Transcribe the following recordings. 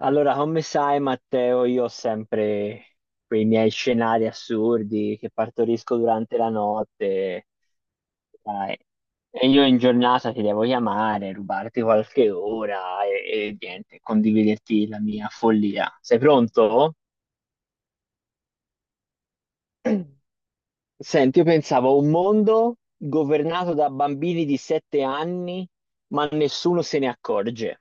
Allora, come sai, Matteo, io ho sempre quei miei scenari assurdi che partorisco durante la notte, sai. E io in giornata ti devo chiamare, rubarti qualche ora e niente, condividerti la mia follia. Sei pronto? Senti, io pensavo a un mondo governato da bambini di 7 anni, ma nessuno se ne accorge.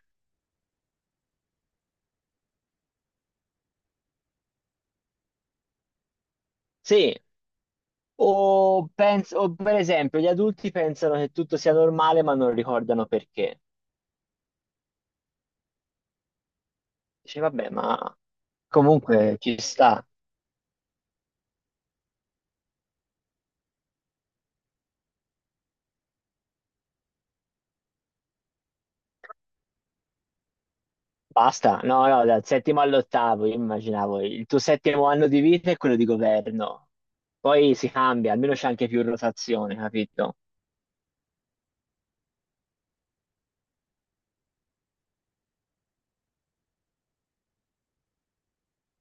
Sì. O, penso, o per esempio, gli adulti pensano che tutto sia normale, ma non ricordano perché. Dice, vabbè, ma comunque ci sta. Basta. No, no, dal settimo all'ottavo, io immaginavo il tuo settimo anno di vita è quello di governo. Poi si cambia, almeno c'è anche più rotazione, capito?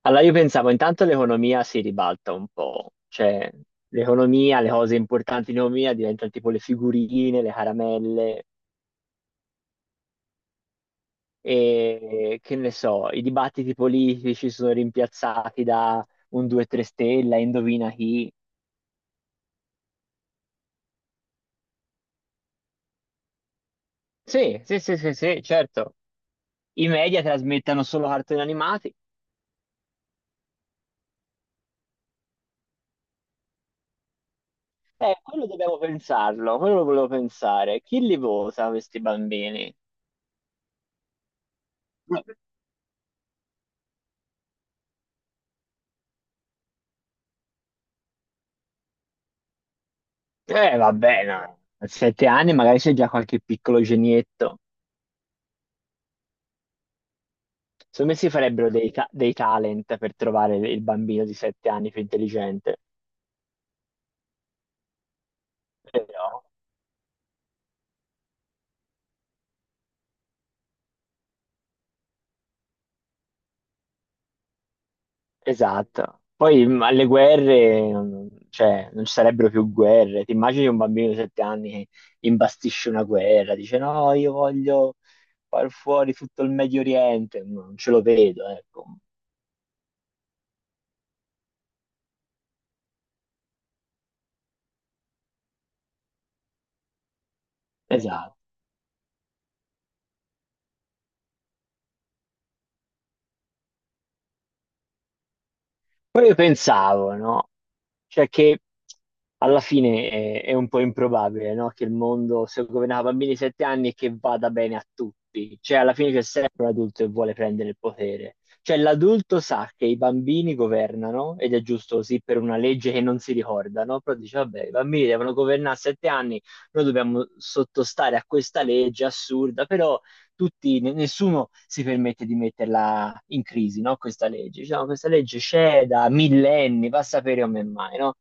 Allora io pensavo, intanto l'economia si ribalta un po', cioè l'economia, le cose importanti in economia diventano tipo le figurine, le caramelle. E che ne so, i dibattiti politici sono rimpiazzati da un 2-3 stella, indovina chi. Sì, sì, sì, sì, sì, certo. I media trasmettono solo cartoni animati. Quello dobbiamo pensarlo, quello lo volevo pensare. Chi li vota questi bambini? Vabbè, no. A 7 anni magari c'è già qualche piccolo genietto. Secondo me si farebbero dei talent per trovare il bambino di 7 anni più intelligente. Però... Esatto. Poi alle guerre, cioè, non ci sarebbero più guerre. Ti immagini un bambino di 7 anni che imbastisce una guerra, dice no, io voglio far fuori tutto il Medio Oriente. No, non ce lo vedo, ecco. Esatto. Poi io pensavo, no? Cioè che alla fine è un po' improbabile, no? Che il mondo sia governato da bambini di 7 anni e che vada bene a tutti. Cioè alla fine c'è sempre un adulto che vuole prendere il potere. Cioè l'adulto sa che i bambini governano, ed è giusto così per una legge che non si ricorda, no? Però dice, vabbè, i bambini devono governare a 7 anni, noi dobbiamo sottostare a questa legge assurda, però tutti, nessuno si permette di metterla in crisi, no? Questa legge. Diciamo, questa legge c'è da millenni, va a sapere come mai, no?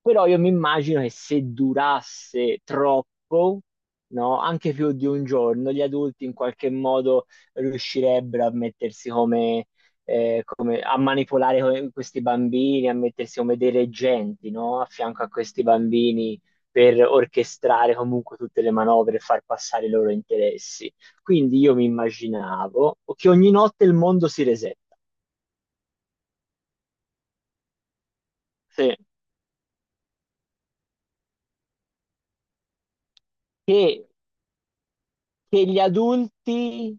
Però io mi immagino che se durasse troppo, no, anche più di un giorno, gli adulti in qualche modo riuscirebbero a mettersi a manipolare questi bambini, a mettersi come dei reggenti, no, a fianco a questi bambini per orchestrare comunque tutte le manovre e far passare i loro interessi. Quindi io mi immaginavo che ogni notte il mondo si resetta. Sì. Che che gli adulti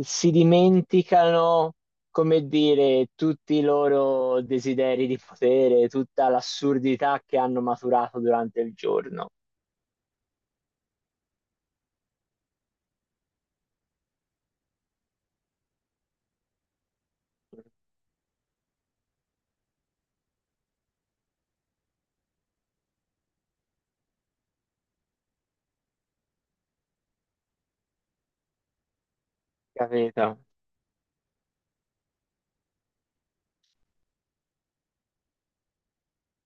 si dimenticano, come dire, tutti i loro desideri di potere, tutta l'assurdità che hanno maturato durante il giorno, capito?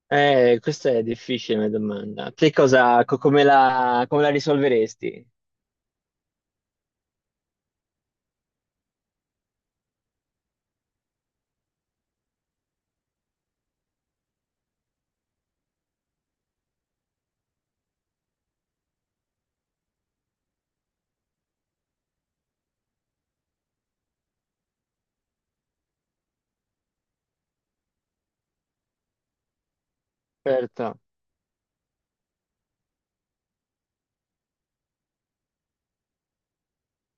Questa è difficile una domanda. Che cosa, come la, come la risolveresti? Certo.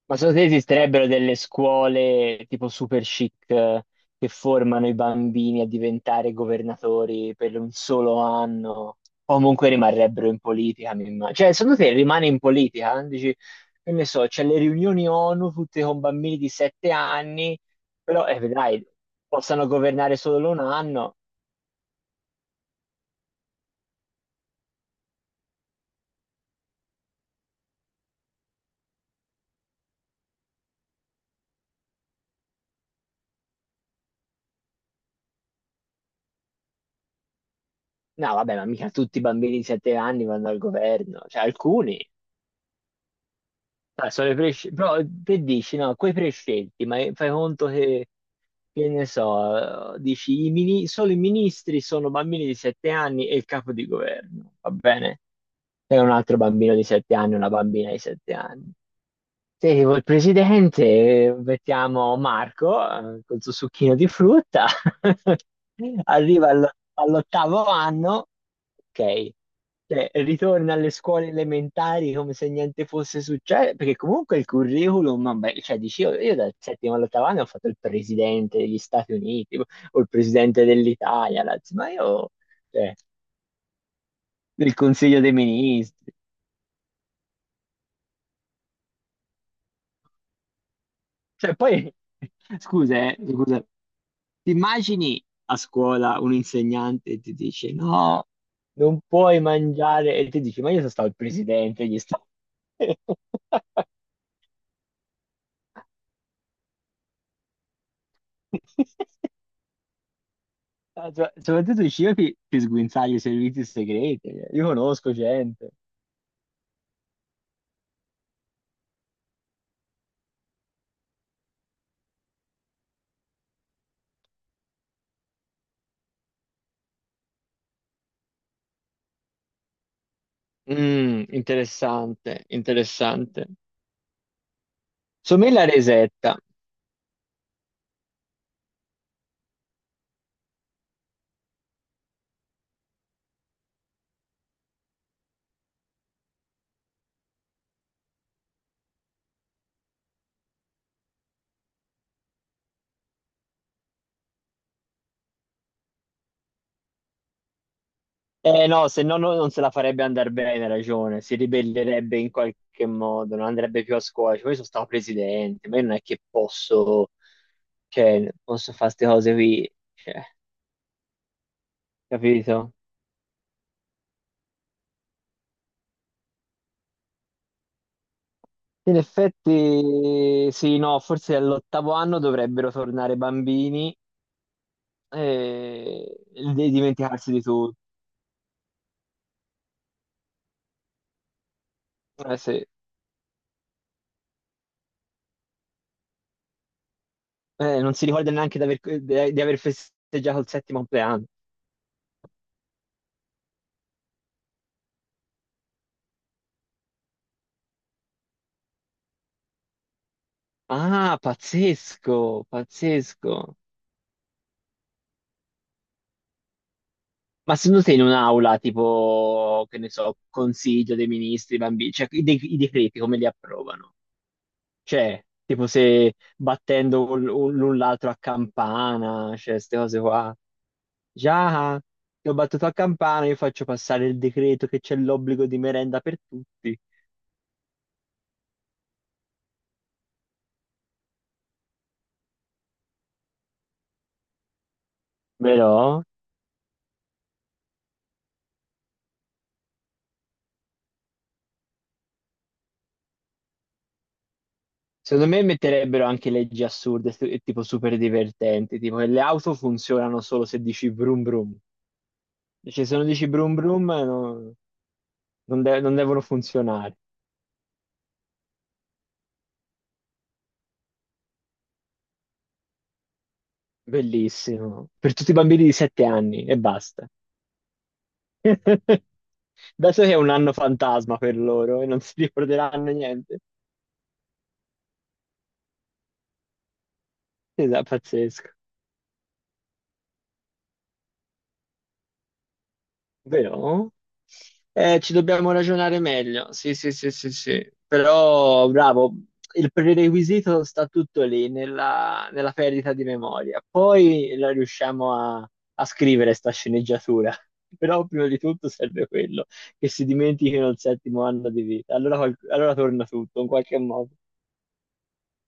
Ma secondo te esisterebbero delle scuole tipo super chic, che formano i bambini a diventare governatori per un solo anno? O comunque rimarrebbero in politica, mi immagino. Cioè, secondo te rimane in politica? Dici, che ne so, c'è le riunioni ONU tutte con bambini di 7 anni, però, vedrai, possano governare solo un anno. No, vabbè, ma mica tutti i bambini di 7 anni vanno al governo, cioè alcuni. Ah, sono i presci- Però te dici, no, quei prescelti, ma fai conto che ne so, dici, solo i ministri sono bambini di 7 anni e il capo di governo, va bene? È un altro bambino di 7 anni, una bambina di 7 anni. Sentivo il presidente, mettiamo Marco, col suo succhino di frutta, arriva all'ottavo anno, ok, cioè, ritorna alle scuole elementari come se niente fosse successo, perché comunque il curriculum, vabbè, cioè, dici, io dal settimo all'ottavo anno ho fatto il presidente degli Stati Uniti o il presidente dell'Italia, ma io, cioè, del Consiglio dei Ministri. Cioè, poi, scusa, ti immagini a scuola un insegnante e ti dice no, non puoi mangiare, e ti dici, ma io sono stato il presidente, gli sta... Ah, soprattutto i ciechi ti sguinzagli i servizi segreti, eh. Io conosco gente. Mm, interessante, interessante. Somiglia a Resetta. Eh no, se no non se la farebbe andare bene, hai ragione, si ribellerebbe in qualche modo, non andrebbe più a scuola, cioè, io sono stato presidente, ma io non è che posso, cioè, posso fare queste cose qui, cioè, capito? In effetti, sì, no, forse all'ottavo anno dovrebbero tornare bambini e dimenticarsi di tutto. Sì. Non si ricorda neanche di aver festeggiato il settimo compleanno. Ah, pazzesco, pazzesco. Ma secondo te in un'aula, tipo, che ne so, consiglio dei ministri, bambini, cioè i decreti come li approvano? Cioè, tipo se battendo l'un l'altro a campana, cioè queste cose qua. Già, ti ho battuto a campana, io faccio passare il decreto che c'è l'obbligo di merenda per tutti. Però, secondo me metterebbero anche leggi assurde e tipo super divertenti, tipo che le auto funzionano solo se dici brum brum. Cioè, se non dici brum brum, non, non devono funzionare. Bellissimo. Per tutti i bambini di 7 anni e basta. Dato che è un anno fantasma per loro e non si ricorderanno niente. Esatto, pazzesco. Però, ci dobbiamo ragionare meglio. Sì, sì, sì, sì, sì. Però, bravo, il prerequisito sta tutto lì, nella perdita di memoria. Poi la riusciamo a scrivere sta sceneggiatura. Però prima di tutto serve quello, che si dimentichino il settimo anno di vita. Allora, allora torna tutto in qualche modo.